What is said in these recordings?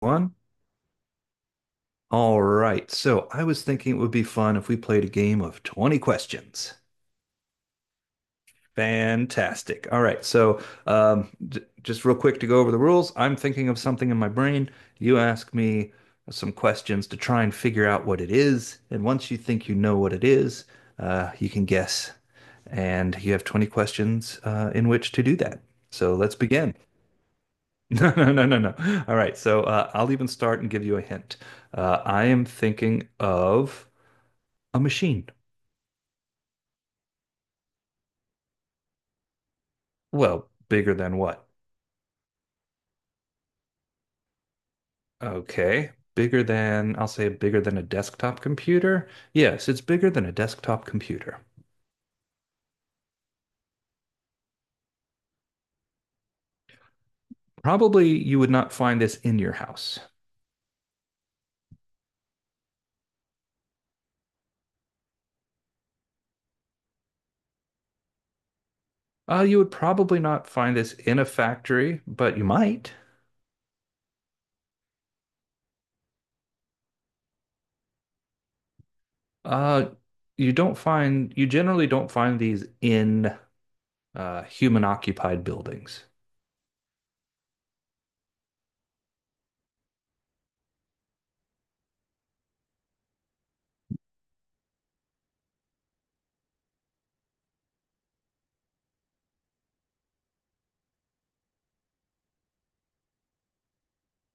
One. All right, so I was thinking it would be fun if we played a game of 20 questions. Fantastic. All right. So just real quick to go over the rules, I'm thinking of something in my brain. You ask me some questions to try and figure out what it is. And once you think you know what it is, you can guess. And you have 20 questions in which to do that. So let's begin. No, no, no, no, no. All right. So I'll even start and give you a hint. I am thinking of a machine. Well, bigger than what? Okay. I'll say bigger than a desktop computer. Yes, it's bigger than a desktop computer. Probably you would not find this in your house. You would probably not find this in a factory, but you might. Uh, you generally don't find these in human occupied buildings.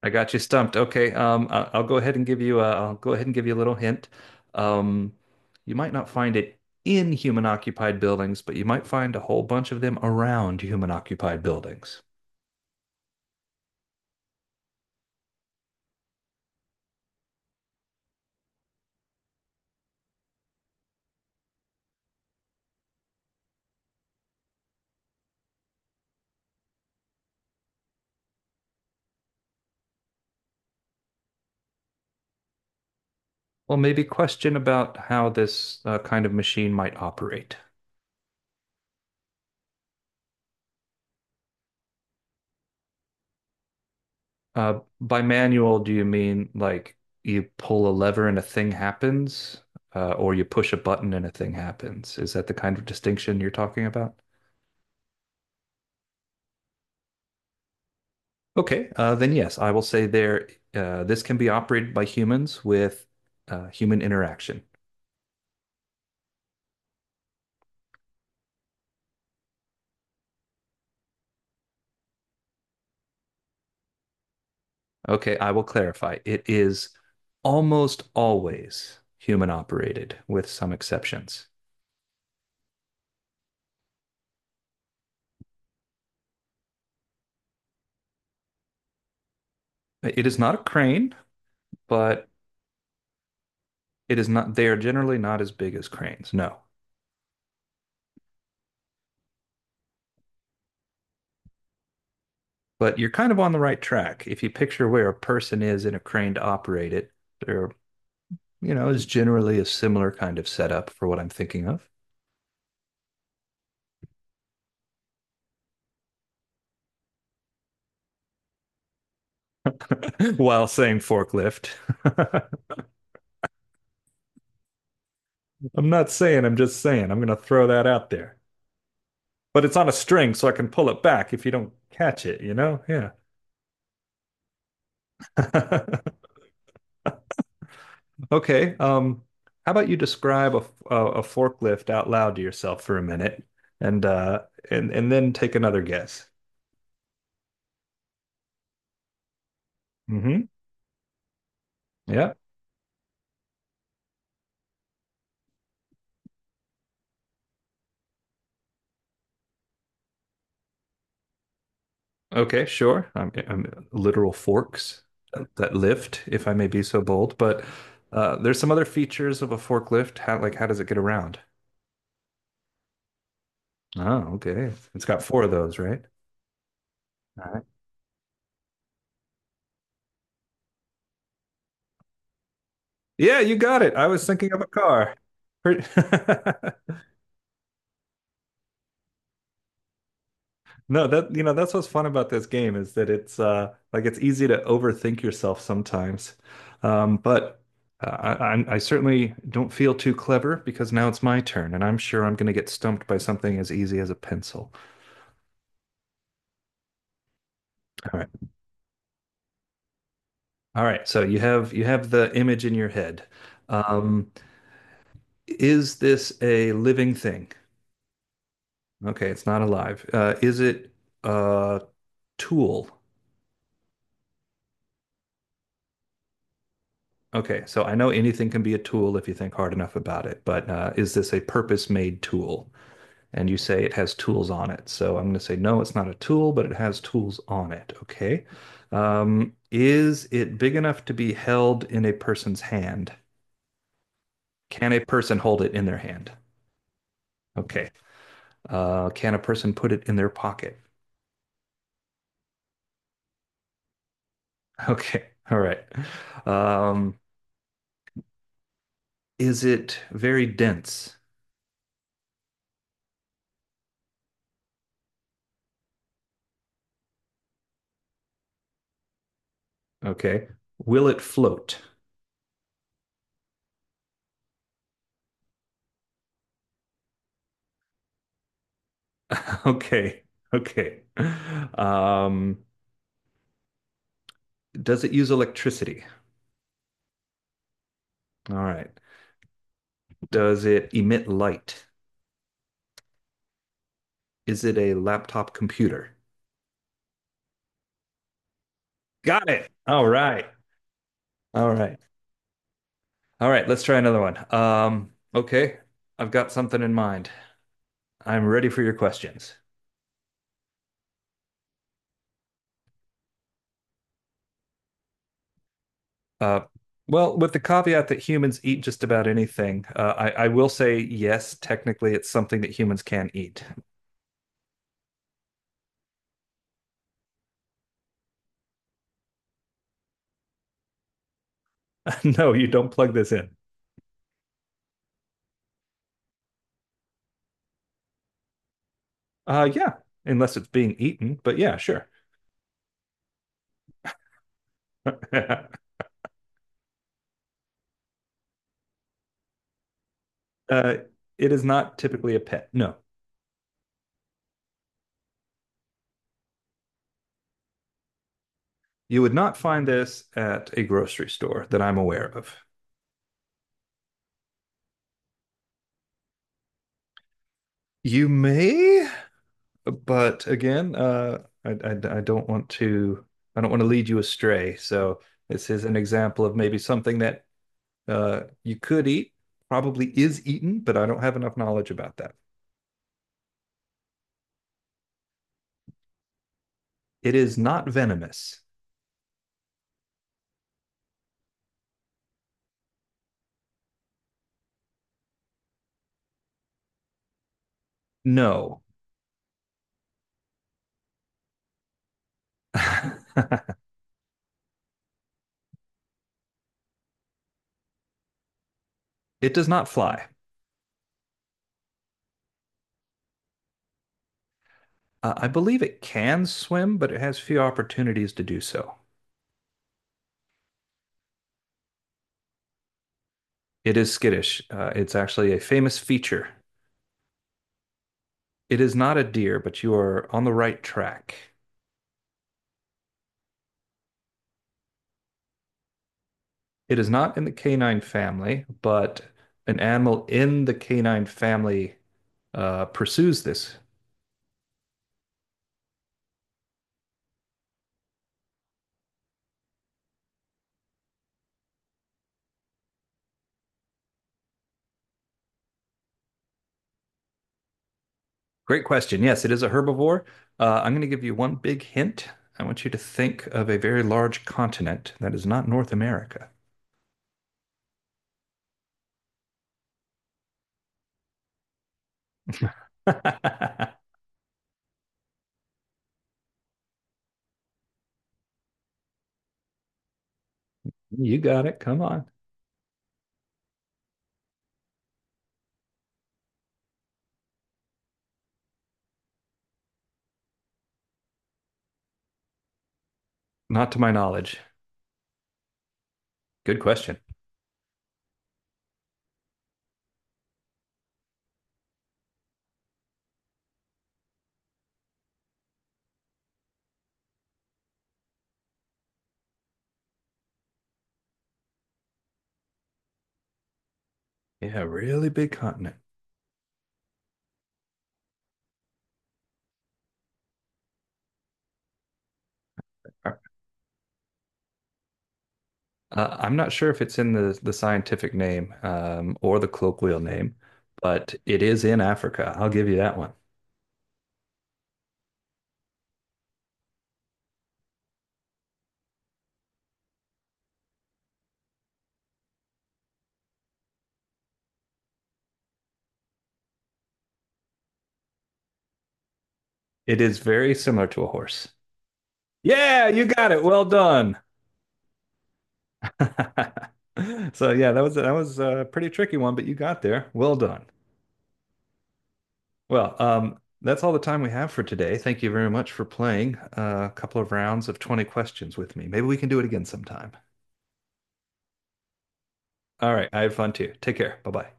I got you stumped. Okay, I'll go ahead and give you a, I'll go ahead and give you a little hint. Um, you might not find it in human-occupied buildings, but you might find a whole bunch of them around human-occupied buildings. Well, maybe question about how this kind of machine might operate. By manual, do you mean like you pull a lever and a thing happens, or you push a button and a thing happens? Is that the kind of distinction you're talking about? Okay, then yes, I will say there, this can be operated by humans with human interaction. Okay, I will clarify. It is almost always human operated, with some exceptions. It is not a crane, but it is not, they are generally not as big as cranes, no. But you're kind of on the right track. If you picture where a person is in a crane to operate it, there, you know, is generally a similar kind of setup for what I'm thinking of. while saying forklift. I'm not saying, I'm just saying. I'm going to throw that out there. But it's on a string, so I can pull it back if you don't catch it? Yeah. Okay. How about you describe a forklift out loud to yourself for a minute and uh, and and then take another guess? Hmm. Yeah. Okay, sure. I'm literal forks that lift, if I may be so bold. But there's some other features of a forklift. How does it get around? Oh, okay. It's got four of those, right? All right. Yeah, you got it. I was thinking of a car. Pretty- No, that's what's fun about this game is that it's like it's easy to overthink yourself sometimes. Um, but I certainly don't feel too clever because now it's my turn, and I'm sure I'm going to get stumped by something as easy as a pencil. All right. All right. So you have the image in your head. Um, is this a living thing? Okay, it's not alive. Is it a tool? Okay, so I know anything can be a tool if you think hard enough about it, but is this a purpose-made tool? And you say it has tools on it. So I'm going to say, no, it's not a tool, but it has tools on it. Okay. Is it big enough to be held in a person's hand? Can a person hold it in their hand? Okay. Can a person put it in their pocket? Okay. All right. Um, is it very dense? Okay. Will it float? Okay. Okay. Um, does it use electricity? All right. Does it emit light? Is it a laptop computer? Got it. All right. All right. All right. Let's try another one. Okay. I've got something in mind. I'm ready for your questions. Uh, well, with the caveat that humans eat just about anything, I will say yes, technically, it's something that humans can eat. No, you don't plug this in. Yeah, unless it's being eaten, but yeah, sure. uh, it is not typically a pet. No, you would not find this at a grocery store that I'm aware of. You may, but again, I don't want to I don't want to lead you astray. So this is an example of maybe something that you could eat, probably is eaten, but I don't have enough knowledge about that. It is not venomous. No, it does not fly. I believe it can swim, but it has few opportunities to do so. It is skittish. It's actually a famous feature. It is not a deer, but you are on the right track. It is not in the canine family, but an animal in the canine family pursues this. Great question. Yes, it is a herbivore. I'm going to give you one big hint. I want you to think of a very large continent that is not North America. you got it. Come on. Not to my knowledge. Good question. Yeah, really big continent. I'm not sure if it's in the scientific name or the colloquial name, but it is in Africa. I'll give you that one. It is very similar to a horse. Yeah, you got it. Well done. So yeah, that was a pretty tricky one, but you got there. Well done. Well, that's all the time we have for today. Thank you very much for playing a couple of rounds of 20 questions with me. Maybe we can do it again sometime. All right, I had fun too. Take care. Bye bye.